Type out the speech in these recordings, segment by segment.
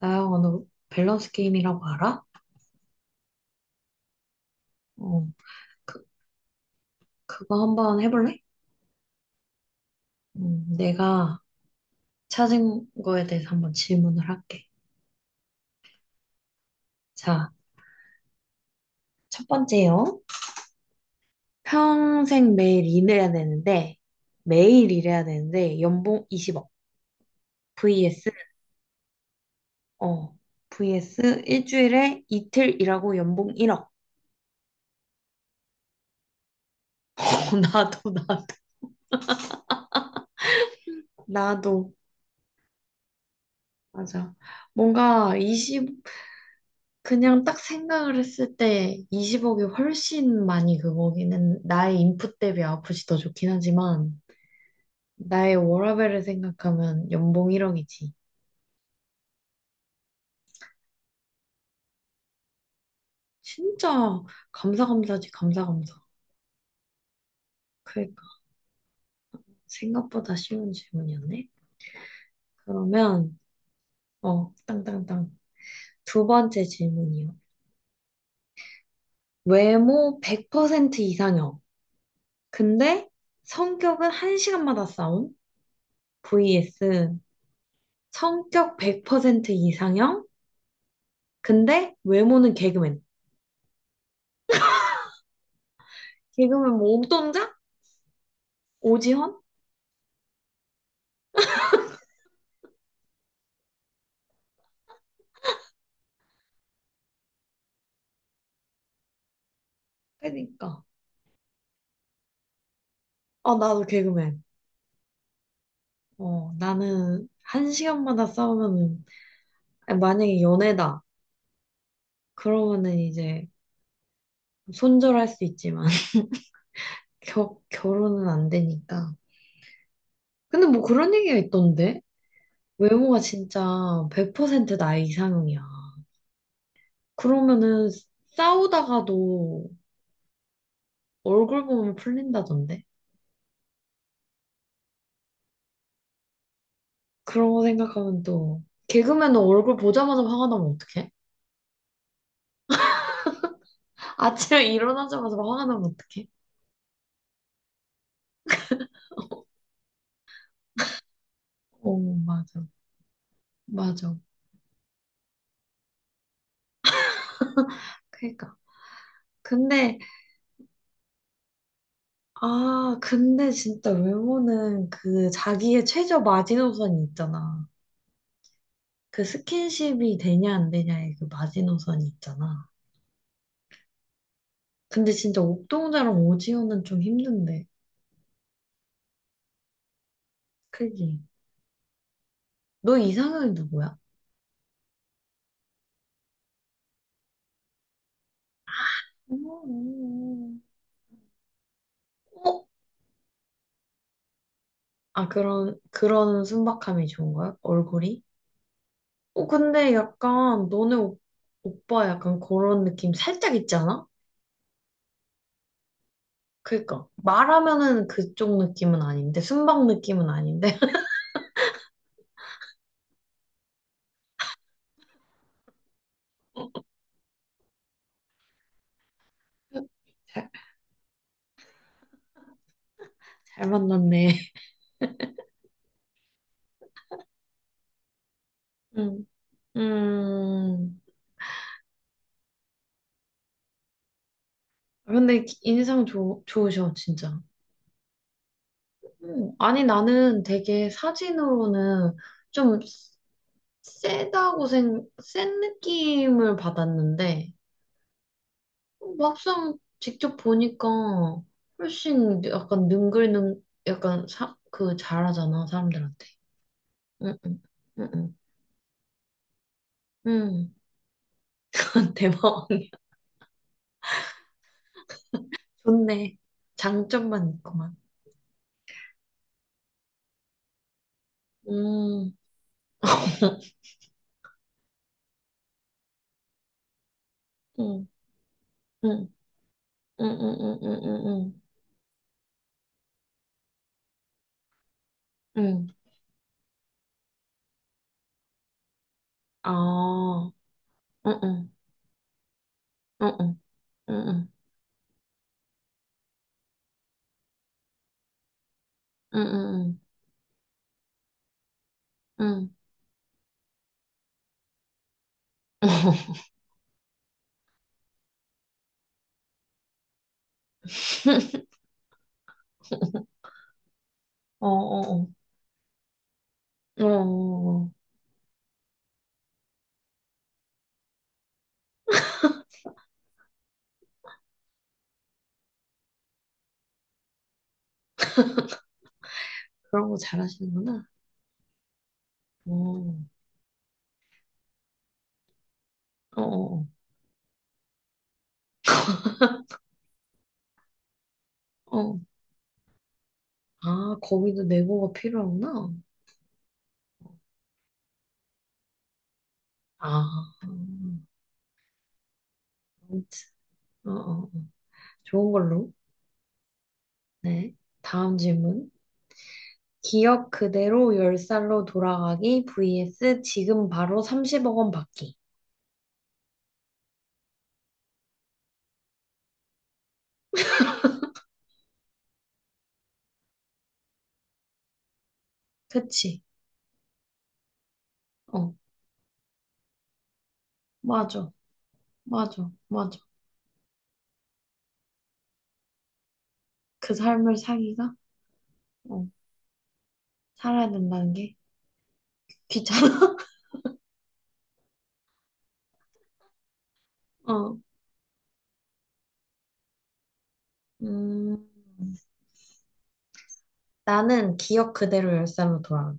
나영아, 너 밸런스 게임이라고 알아? 어, 그, 그거 한번 해볼래? 내가 찾은 거에 대해서 한번 질문을 할게. 자, 첫 번째요. 평생 매일 일해야 되는데, 연봉 20억. vs, 어, vs 일주일에 이틀 일하고 연봉 1억. 나도, 나도, 나도. 맞아. 뭔가 20, 그냥 딱 생각을 했을 때 20억이 훨씬 많이 그거기는 나의 인풋 대비 아프지 더 좋긴 하지만 나의 워라밸을 생각하면 연봉 1억이지. 진짜 감사감사지 감사감사. 그러니까 생각보다 쉬운 질문이었네. 그러면 땅땅땅 두 번째 질문이요. 외모 100% 이상형. 근데 성격은 한시간마다 싸움. vs 성격 100% 이상형. 근데 외모는 개그맨. 개그맨 뭐 옥동자? 오지헌? 그러니까. 아 나도 개그맨. 나는 한 시간마다 싸우면은 아니, 만약에 연애다 그러면은 이제 손절할 수 있지만 결혼은 안 되니까. 근데 뭐 그런 얘기가 있던데 외모가 진짜 100% 나의 이상형이야. 그러면은 싸우다가도 얼굴 보면 풀린다던데. 그런 거 생각하면 또 개그맨은 얼굴 보자마자 화가 나면 어떡해? 아침에 일어나자마자 막 화가 나면 어떡해? 오, 맞아. 맞아. 그러니까. 근데, 아, 근데 진짜 외모는 그 자기의 최저 마지노선이 있잖아. 그 스킨십이 되냐 안 되냐의 그 마지노선이 있잖아. 근데 진짜 옥동자랑 오지호는 좀 힘든데. 그지? 너 이상형이 누구야? 음, 음, 어? 아, 그런 순박함이 좋은 거야? 얼굴이? 근데 약간 너네 오빠 약간 그런 느낌 살짝 있지 않아? 그니까 말하면은 그쪽 느낌은 아닌데 순방 느낌은 아닌데 잘, 잘 만났네. 음, 음. 근데 인상 좋으셔 진짜. 아니 나는 되게 사진으로는 좀 세다고 센 느낌을 받았는데 막상 직접 보니까 훨씬 약간 약간 사, 그 잘하잖아, 사람들한테. 응, 응, 응, 응. 응. 대박이야. 좋네. 장점만 있구만. 음, 응, 응, 응, 응, 응, 응, 응, 응. 응. 응. 아, 응, 응, 응, 응, 응, 응, 응, 응, 응. 어, 어, 어, 어, 어, 어. 그런 거 잘하시는구나. 어, 어, 어, 어. 아, 거기도 네고가 필요하구나. 아, 음, 어, 어, 좋은 걸로. 네. 다음 질문. 기억 그대로 10살로 돌아가기 vs 지금 바로 30억 원 받기. 그치? 어, 맞아. 맞아. 맞아. 그 삶을 사기가? 어, 살아야 된다는 게 귀찮아. 어, 음, 나는 기억 그대로 10살로 돌아가네.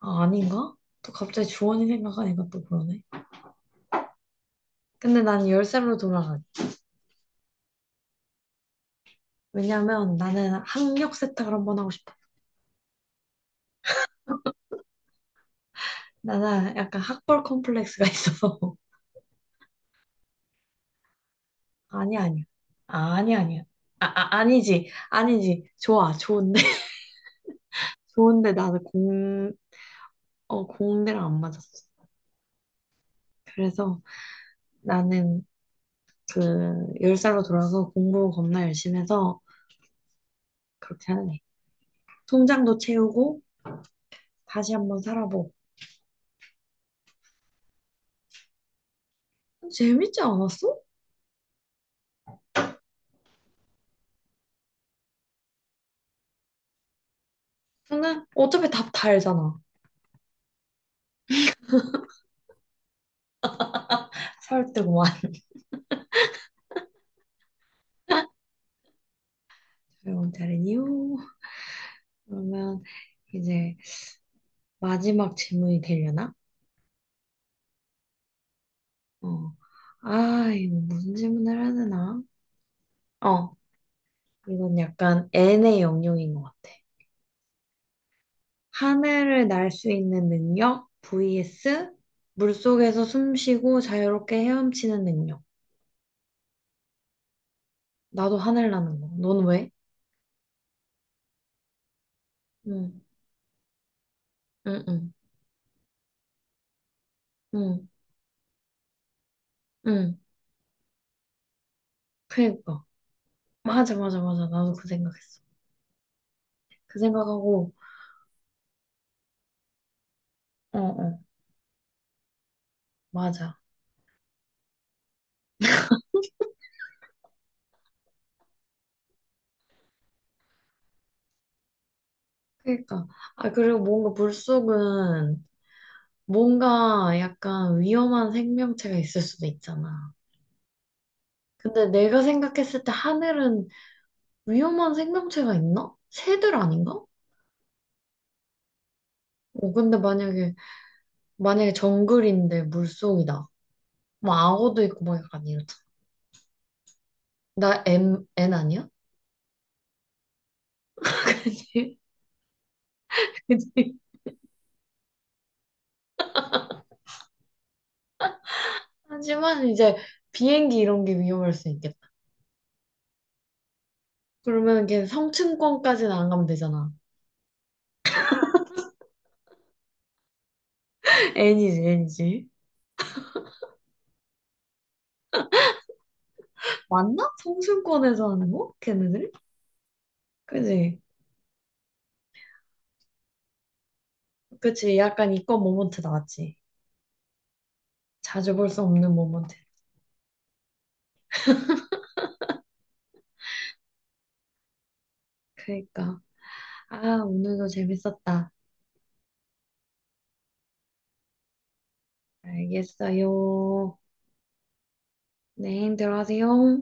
아, 아닌가? 또 갑자기 주원이 생각하니까 또 그러네. 근데 난 10살로 돌아가. 왜냐면 나는 학력 세탁을 한 번 하고 싶어. 나는 약간 학벌 컴플렉스가 있어서. 아니, 아니야. 아, 아니, 아니야. 아니지. 아니지. 좋아. 좋은데. 좋은데 나는 공대랑 안 맞았어. 그래서 나는 그, 10살로 돌아서 공부 겁나 열심히 해서 그렇게 하는 애. 통장도 채우고 다시 한 번 살아보고. 재밌지 않았어? 근데 어차피 답 다 알잖아. 설득만. 여러분, 다른 이유. 그러면 이제 마지막 질문이 되려나? 어. 아, 이거 무슨 질문을 해야 되나? 어, 이건 약간 N의 영역인 것 같아. 하늘을 날 수 있는 능력 vs 물속에서 숨 쉬고 자유롭게 헤엄치는 능력. 나도 하늘 나는 거. 넌 왜? 응, 응, 응, 응, 응. 그니까. 맞아, 맞아, 맞아. 나도 그 생각했어. 그 생각하고, 어, 어, 맞아. 그니까. 아, 그리고 뭔가 물속은 뭔가 약간 위험한 생명체가 있을 수도 있잖아. 근데 내가 생각했을 때 하늘은 위험한 생명체가 있나? 새들 아닌가? 어, 근데 만약에, 만약에 정글인데 물속이다. 뭐 악어도 있고 막 약간 이러잖아. 나 M, N 아니야? 그치? 그치? 하지만 이제 비행기 이런 게 위험할 수 있겠다. 그러면 이게 성층권까지는 안 가면 되잖아. N이지, N이지. 맞나? 성층권에서 하는 거? 걔네들? 그지? 그치, 약간 이건 모먼트 나왔지. 자주 볼 수 없는 모먼트. 그러니까. 아, 오늘도 재밌었다. 알겠어요. 네, 들어가세요.